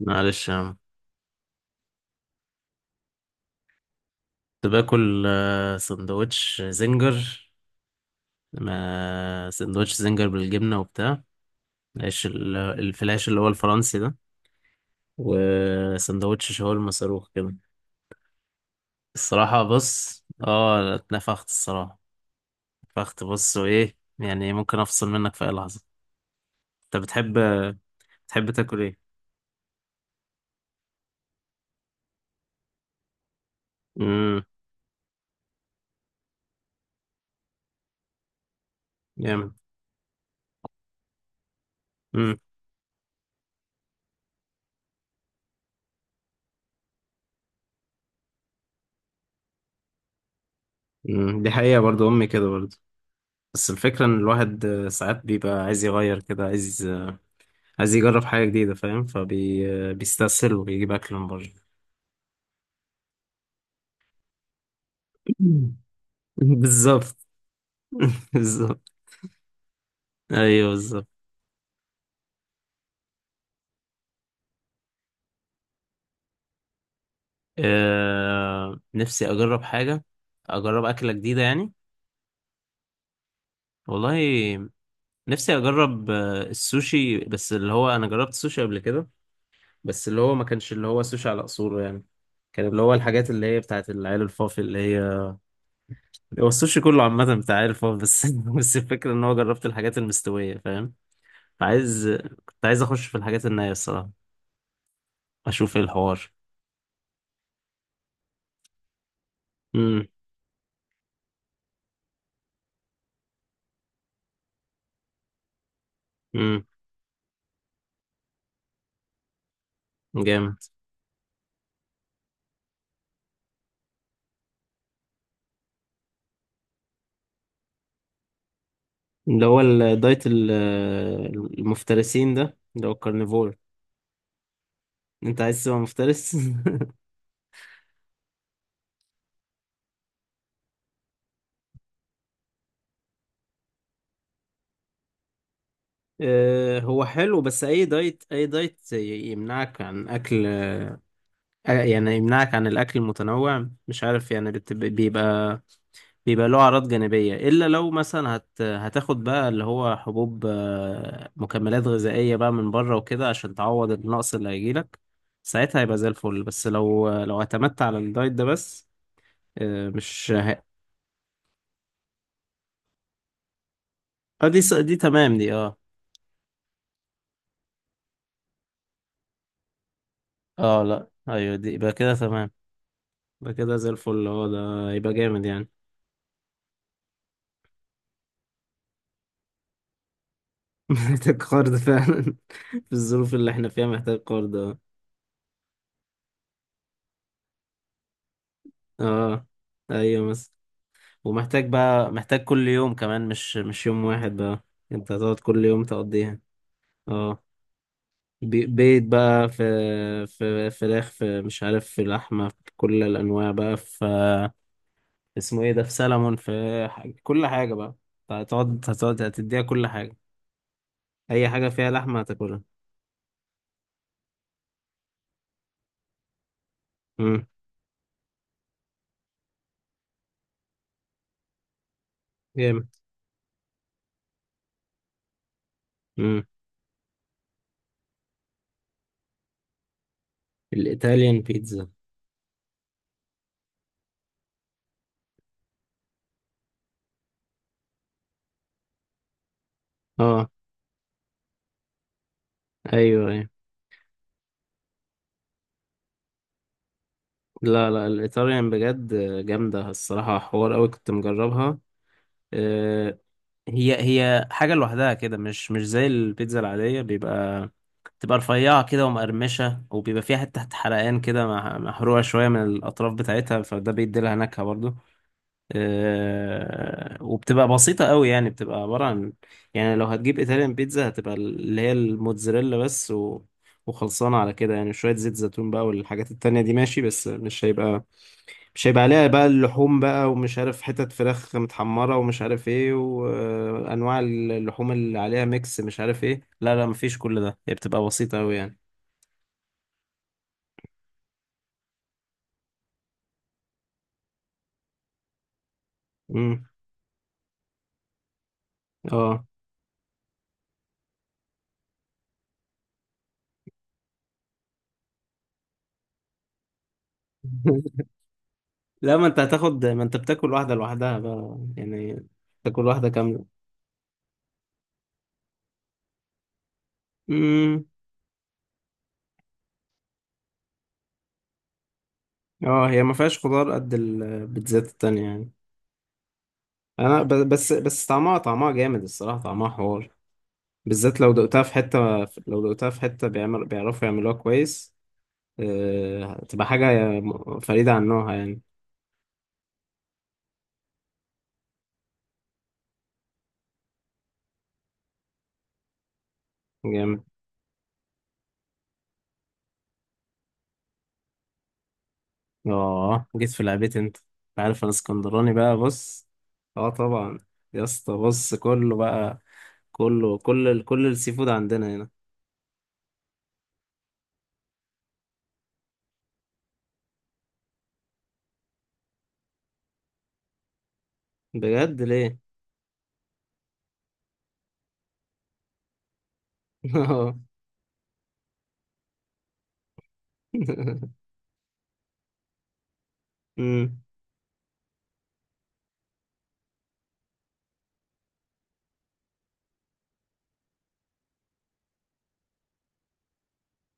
معلش يا عم. كنت باكل سندوتش زنجر. ما سندوتش زنجر بالجبنة وبتاع العيش الفلاش اللي هو الفرنسي ده، وسندوتش شاورما صاروخ كده. الصراحة بص، اتنفخت الصراحة. اتنفخت بص، وايه يعني؟ ممكن افصل منك في اي لحظة. انت بتحب تاكل ايه؟ امم. جامد. امم. دي حقيقة برضو، امي كده برضو. بس الفكرة ان الواحد ساعات بيبقى عايز يغير كده، عايز يجرب حاجة جديدة فاهم، فبيستسهل وبيجيب أكل من بره. بالظبط. بالظبط. أيوه بالظبط. نفسي أجرب حاجة، أجرب أكلة جديدة يعني. والله نفسي أجرب السوشي، بس اللي هو أنا جربت السوشي قبل كده. بس اللي هو ما كانش اللي هو سوشي على أصوله يعني، كان اللي هو الحاجات اللي هي بتاعت العيال الفافي، اللي هي هو السوشي كله عامة بتاع عيال الفافي بس. بس الفكرة إن هو جربت الحاجات المستوية فاهم. عايز كنت عايز اخش في الحاجات النية الصراحة، اشوف ايه الحوار. امم. امم. جامد. اللي هو الدايت المفترسين ده، اللي هو الكارنيفور. انت عايز تبقى مفترس؟ هو حلو، بس اي دايت، يمنعك عن اكل، يعني يمنعك عن الاكل المتنوع، مش عارف يعني بيبقى له أعراض جانبية، إلا لو مثلا هتاخد بقى اللي هو حبوب، مكملات غذائية بقى من بره وكده، عشان تعوض النقص اللي هيجيلك. ساعتها هيبقى زي الفل، بس لو اعتمدت على الدايت ده بس، مش اه، دي دي تمام، دي اه. اه لا، ايوه دي يبقى كده تمام. يبقى كده زي الفل، اه ده يبقى جامد يعني. محتاج قرض فعلا. في الظروف اللي احنا فيها محتاج قرض، اه. اه. ايوه مثلا. ومحتاج بقى، محتاج كل يوم كمان، مش يوم واحد بقى. انت هتقعد كل يوم تقضيها. اه. بيض بقى، في في فراخ، في مش عارف، في لحمة، في كل الأنواع بقى، في اسمه ايه ده، في سلمون، في حاجة. كل حاجة بقى. أنت هتقعد هتديها كل حاجة. أي حاجة فيها لحمة هتاكلها. امم. جامد. امم. الإيطاليان بيتزا. اه. أيوه أيوه. لا لا، الإيطاليان بجد جامدة الصراحة، حوار أوي، كنت مجربها. آه، هي حاجة لوحدها كده، مش زي البيتزا العادية، بيبقى تبقى رفيعة كده ومقرمشة، وبيبقى فيها حتة تحت حرقان كده، محروقة شوية من الأطراف بتاعتها، فده بيدي لها نكهة برضو. أه، وبتبقى بسيطة قوي يعني، بتبقى عبارة عن، يعني لو هتجيب إيطاليان بيتزا، هتبقى اللي هي الموتزاريلا بس وخلصانة على كده يعني، شوية زيت زيتون بقى، والحاجات التانية دي ماشي، بس مش هيبقى عليها بقى اللحوم بقى، ومش عارف حتت فراخ متحمرة ومش عارف ايه، وانواع اللحوم اللي عليها ميكس مش عارف ايه. لا لا مفيش كل ده، هي بتبقى بسيطة اوي يعني. امم. اه. لا، ما انت هتاخد، ما انت بتاكل واحدة لوحدها بقى يعني، تاكل واحدة كاملة. امم. اه هي ما فيهاش خضار قد البيتزات التانية يعني. انا بس طعمها جامد الصراحة، طعمها حوار. بالذات لو دقتها في حتة، لو دقتها في حتة بيعرفوا يعملوها كويس. تبقى حاجة فريدة عن نوعها يعني. جامد. اه جيت في لعبتي انت، عارف انا اسكندراني بقى، بص. اه طبعا. يا اسطى بص كله بقى. كل السي فود عندنا هنا. بجد ليه؟ اه. أمم،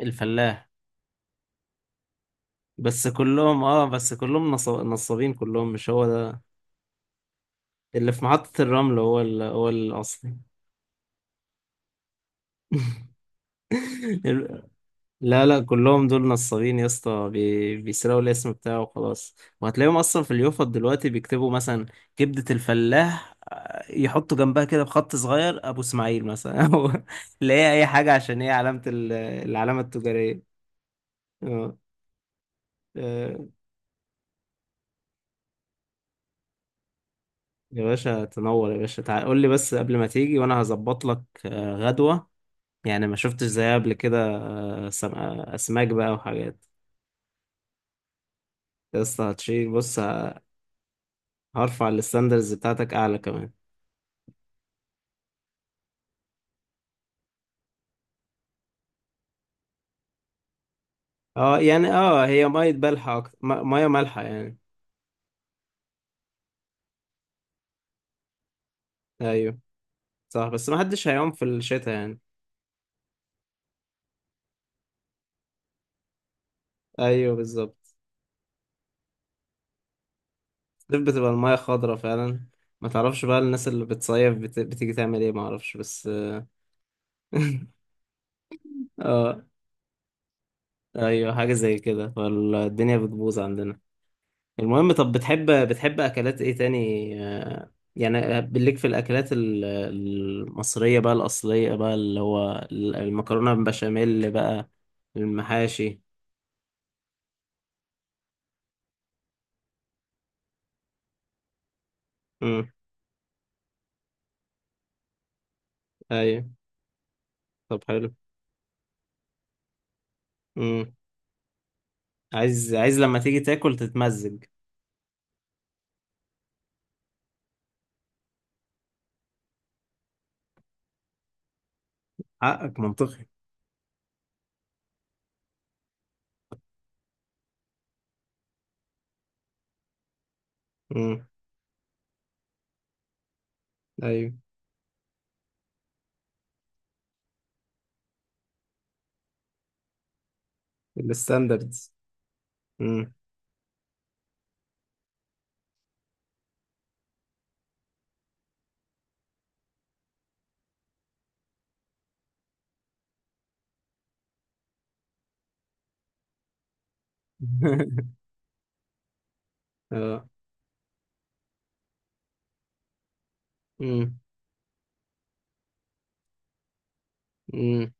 الفلاح. بس كلهم، نصابين كلهم، مش هو ده. اللي في محطة الرمل هو الأصلي. لا لا، كلهم دول نصابين يا اسطى، بيسرقوا الاسم بتاعه وخلاص. وهتلاقيهم اصلا في اليوفط دلوقتي بيكتبوا مثلا كبدة الفلاح، يحطوا جنبها كده بخط صغير ابو اسماعيل مثلا، او اللي هي اي حاجة، عشان هي علامة العلامة التجارية. آه، آه، يا باشا تنور، يا باشا تعال قول لي بس قبل ما تيجي، وانا هظبط لك غدوة. يعني ما شفتش زيها قبل كده. سم... آه، اسماك بقى وحاجات. يا اسطى هتشيل بص، هرفع الستاندرز بتاعتك اعلى كمان. اه يعني، اه هي ميه مالحه اكتر ميه مالحه يعني. ايوه صح، بس ما حدش هيعوم في الشتاء يعني. ايوه بالظبط. الصيف بتبقى الميه خضرة فعلا، ما تعرفش بقى الناس اللي بتصيف بتيجي تعمل ايه، ما اعرفش بس. اه ايوه، حاجه زي كده، فالدنيا بتبوظ عندنا. المهم طب بتحب اكلات ايه تاني؟ آه، يعني بالليك في الاكلات المصريه بقى الاصليه بقى، اللي هو المكرونه بالبشاميل بقى، المحاشي. امم. ايوه طب حلو. امم. عايز لما تيجي تاكل تتمزج. حقك منطقي. امم. ايوه. الستاندردز. امم. اه. امم. امم.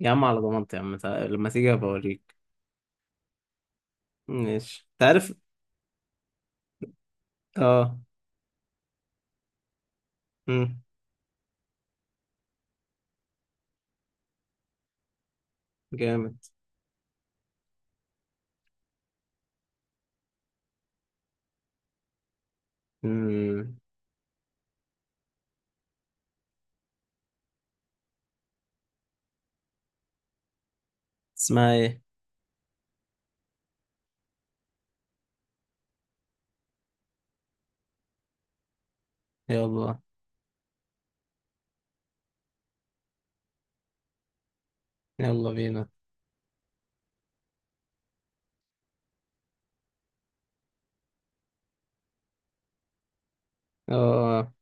يا عم على ضمانتي يا عم، لما تيجي بوريك. ماشي تعرف. اه. امم. جامد. امم. اسمها ايه؟ يلا. يلا بينا. اه.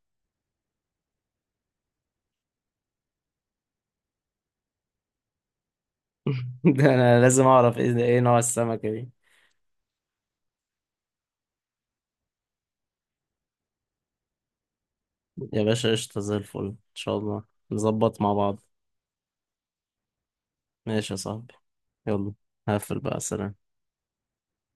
ده انا لازم اعرف ايه نوع السمكة دي. يا باشا قشطة زي الفل ان شاء الله. نظبط مع بعض. ماشي يا صاحبي. يلا هقفل بقى، سلام.